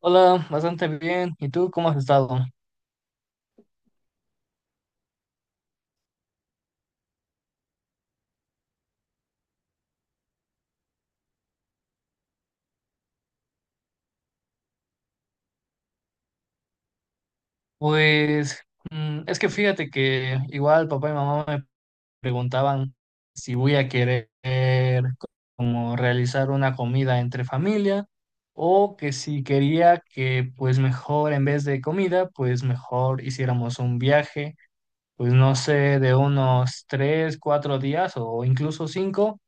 Hola, bastante bien. ¿Y tú cómo has estado? Pues es que fíjate que igual papá y mamá me preguntaban si voy a querer como realizar una comida entre familia o que si quería que pues mejor en vez de comida pues mejor hiciéramos un viaje, pues no sé, de unos tres, cuatro días o incluso cinco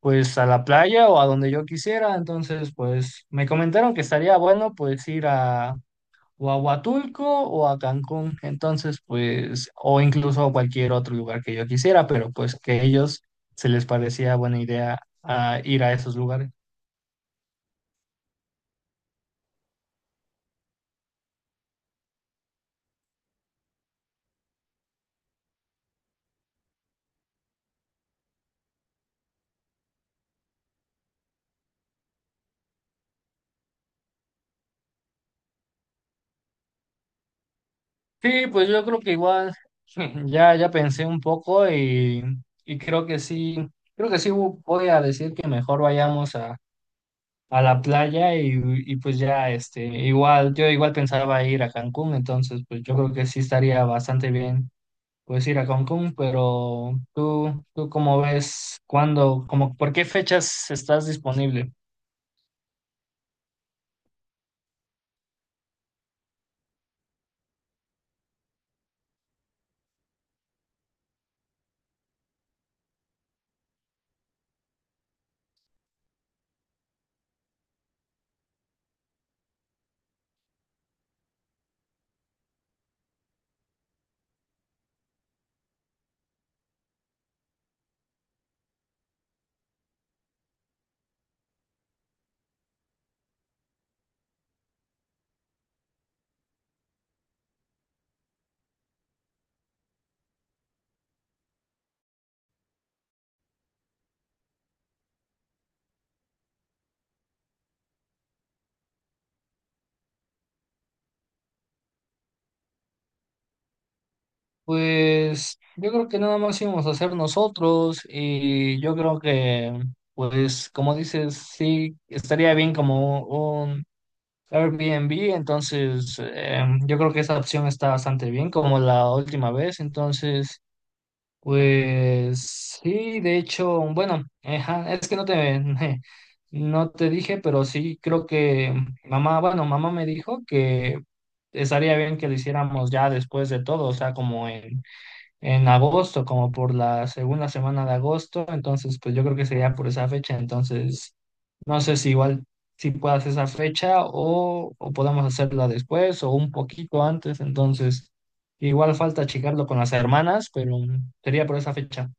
pues a la playa o a donde yo quisiera. Entonces, pues me comentaron que estaría bueno pues ir a o a Huatulco o a Cancún, entonces pues, o incluso a cualquier otro lugar que yo quisiera, pero pues que a ellos se les parecía buena idea ir a esos lugares. Sí, pues yo creo que igual ya pensé un poco y creo que sí voy a decir que mejor vayamos a la playa y pues ya este, igual, yo igual pensaba ir a Cancún, entonces pues yo creo que sí estaría bastante bien pues ir a Cancún, pero tú cómo ves, cuándo, como, ¿por qué fechas estás disponible? Pues yo creo que nada más íbamos a hacer nosotros y yo creo que, pues como dices, sí, estaría bien como un Airbnb, entonces yo creo que esa opción está bastante bien como la última vez, entonces... Pues sí, de hecho, bueno, ajá, es que no te, no te dije, pero sí creo que mamá, bueno, mamá me dijo que estaría bien que lo hiciéramos ya después de todo, o sea, como en agosto, como por la segunda semana de agosto, entonces pues yo creo que sería por esa fecha, entonces no sé si igual si puedas esa fecha o podemos hacerla después o un poquito antes, entonces igual falta checarlo con las hermanas, pero sería por esa fecha.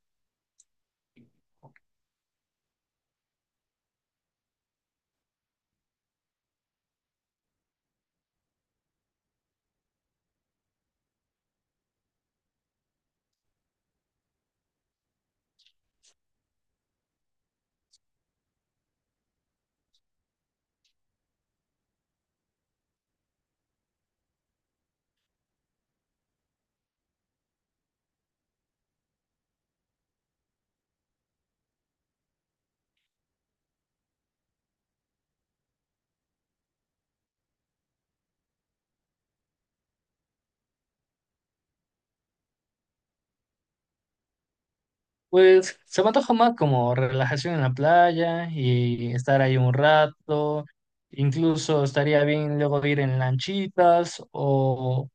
Pues se me antoja más como relajación en la playa y estar ahí un rato, incluso estaría bien luego ir en lanchitas o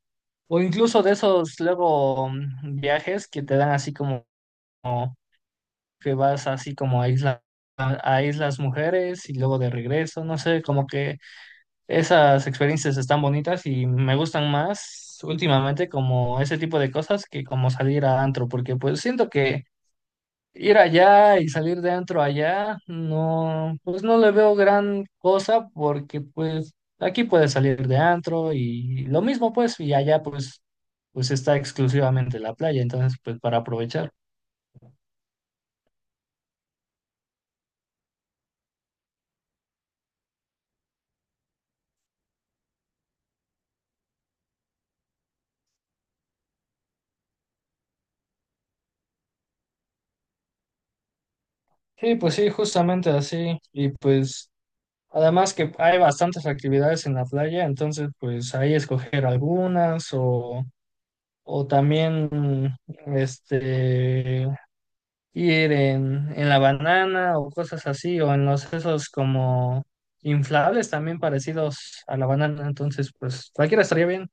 O incluso de esos luego viajes que te dan así como como que vas así como a a Islas Mujeres y luego de regreso, no sé, como que esas experiencias están bonitas y me gustan más últimamente como ese tipo de cosas que como salir a antro, porque pues siento que ir allá y salir dentro allá, no, pues no le veo gran cosa porque pues aquí puedes salir de antro y lo mismo pues y allá pues pues está exclusivamente la playa, entonces pues para aprovechar. Sí, pues sí, justamente así y pues además que hay bastantes actividades en la playa, entonces pues ahí escoger algunas o también este ir en la banana o cosas así, o en los esos como inflables también parecidos a la banana, entonces pues cualquiera estaría bien.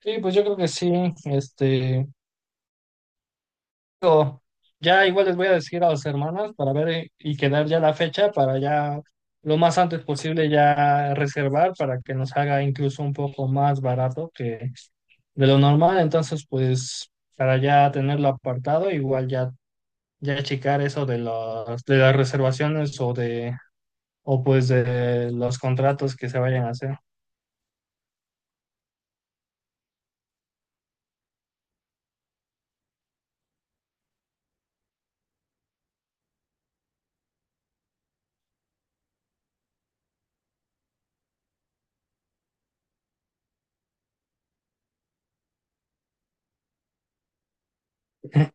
Sí, pues yo creo que sí, este, digo, ya igual les voy a decir a los hermanos para ver y quedar ya la fecha para ya lo más antes posible ya reservar para que nos haga incluso un poco más barato que de lo normal, entonces pues para ya tenerlo apartado, igual ya ya checar eso de de las reservaciones o de, o pues de los contratos que se vayan a hacer.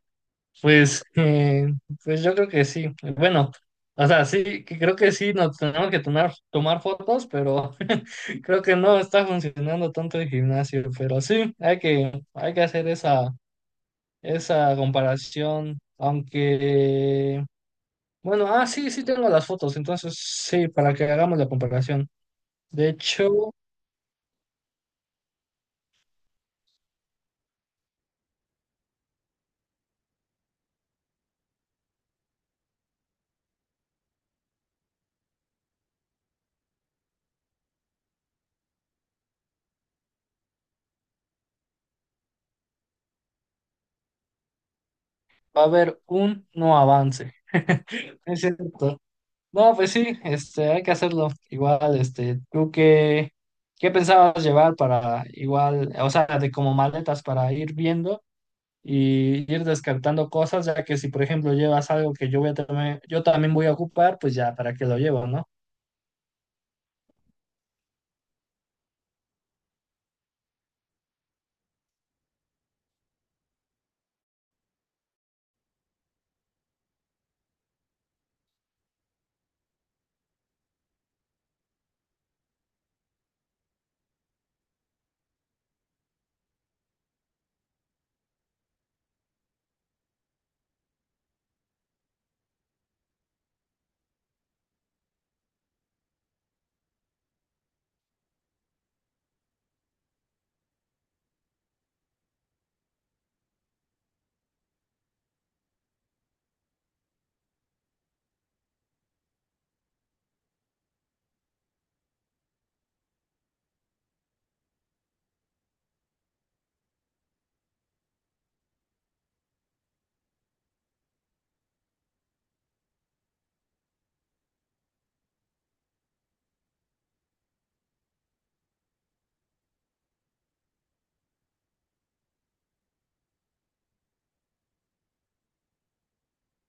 Pues, pues yo creo que sí. Bueno, o sea, sí, que creo que sí nos tenemos que tomar fotos, pero creo que no está funcionando tanto el gimnasio. Pero sí, hay que hacer esa comparación, aunque... Bueno, ah, sí, sí tengo las fotos, entonces sí, para que hagamos la comparación. De hecho, va a haber un no avance. Es cierto. No, pues sí, este, hay que hacerlo. Igual, este, ¿tú qué, qué pensabas llevar para igual, o sea, de como maletas para ir viendo y ir descartando cosas, ya que si por ejemplo llevas algo que yo voy a también, yo también voy a ocupar, pues ya, ¿para qué lo llevo, no?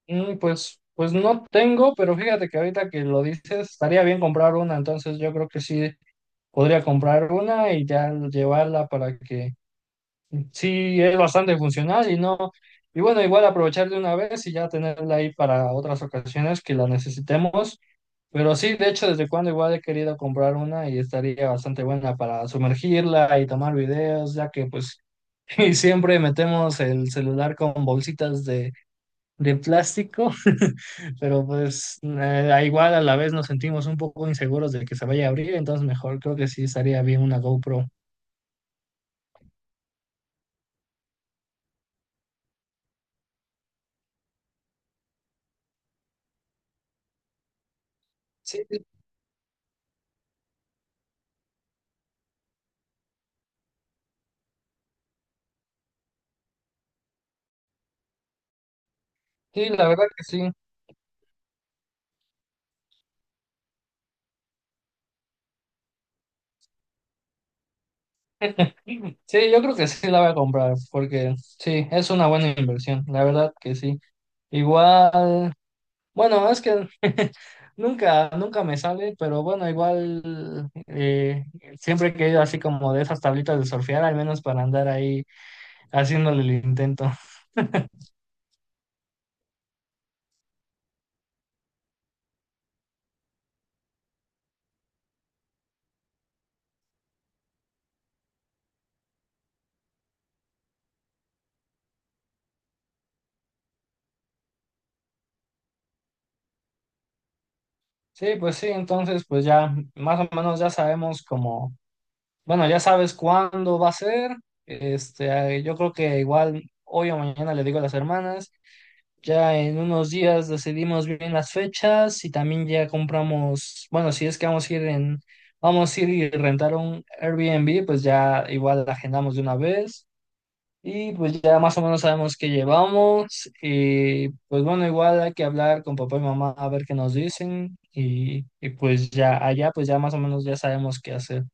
Pues, pues no tengo, pero fíjate que ahorita que lo dices, estaría bien comprar una, entonces yo creo que sí podría comprar una y ya llevarla para que sí es bastante funcional y no, y bueno, igual aprovechar de una vez y ya tenerla ahí para otras ocasiones que la necesitemos. Pero sí, de hecho, desde cuando igual he querido comprar una y estaría bastante buena para sumergirla y tomar videos, ya que pues y siempre metemos el celular con bolsitas de plástico, pero pues a igual a la vez nos sentimos un poco inseguros de que se vaya a abrir, entonces mejor creo que sí estaría bien una GoPro. Sí, sí, la verdad que sí. Sí, yo creo que sí la voy a comprar porque sí, es una buena inversión, la verdad que sí. Igual, bueno, es que nunca, nunca me sale, pero bueno, igual siempre he querido así como de esas tablitas de surfear, al menos para andar ahí haciéndole el intento. Sí, pues sí, entonces pues ya más o menos ya sabemos como, bueno, ya sabes cuándo va a ser. Este, yo creo que igual hoy o mañana le digo a las hermanas. Ya en unos días decidimos bien las fechas y también ya compramos, bueno, si es que vamos a ir en, vamos a ir y rentar un Airbnb, pues ya igual agendamos de una vez y pues ya más o menos sabemos qué llevamos y pues bueno, igual hay que hablar con papá y mamá a ver qué nos dicen y pues ya allá pues ya más o menos ya sabemos qué hacer.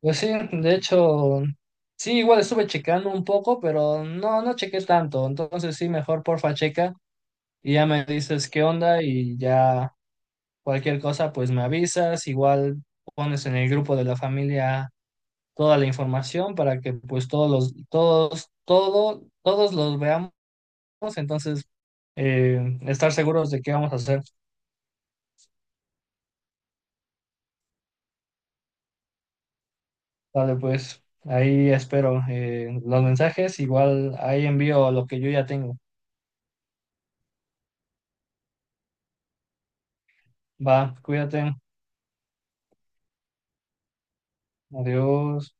Pues sí, de hecho, sí, igual estuve checando un poco, pero no, no chequé tanto, entonces sí, mejor porfa checa y ya me dices qué onda y ya cualquier cosa pues me avisas, igual pones en el grupo de la familia toda la información para que pues todos los, todos, todo, todos los veamos, entonces estar seguros de qué vamos a hacer. Vale, pues ahí espero los mensajes, igual ahí envío lo que yo ya tengo. Va, cuídate, adiós.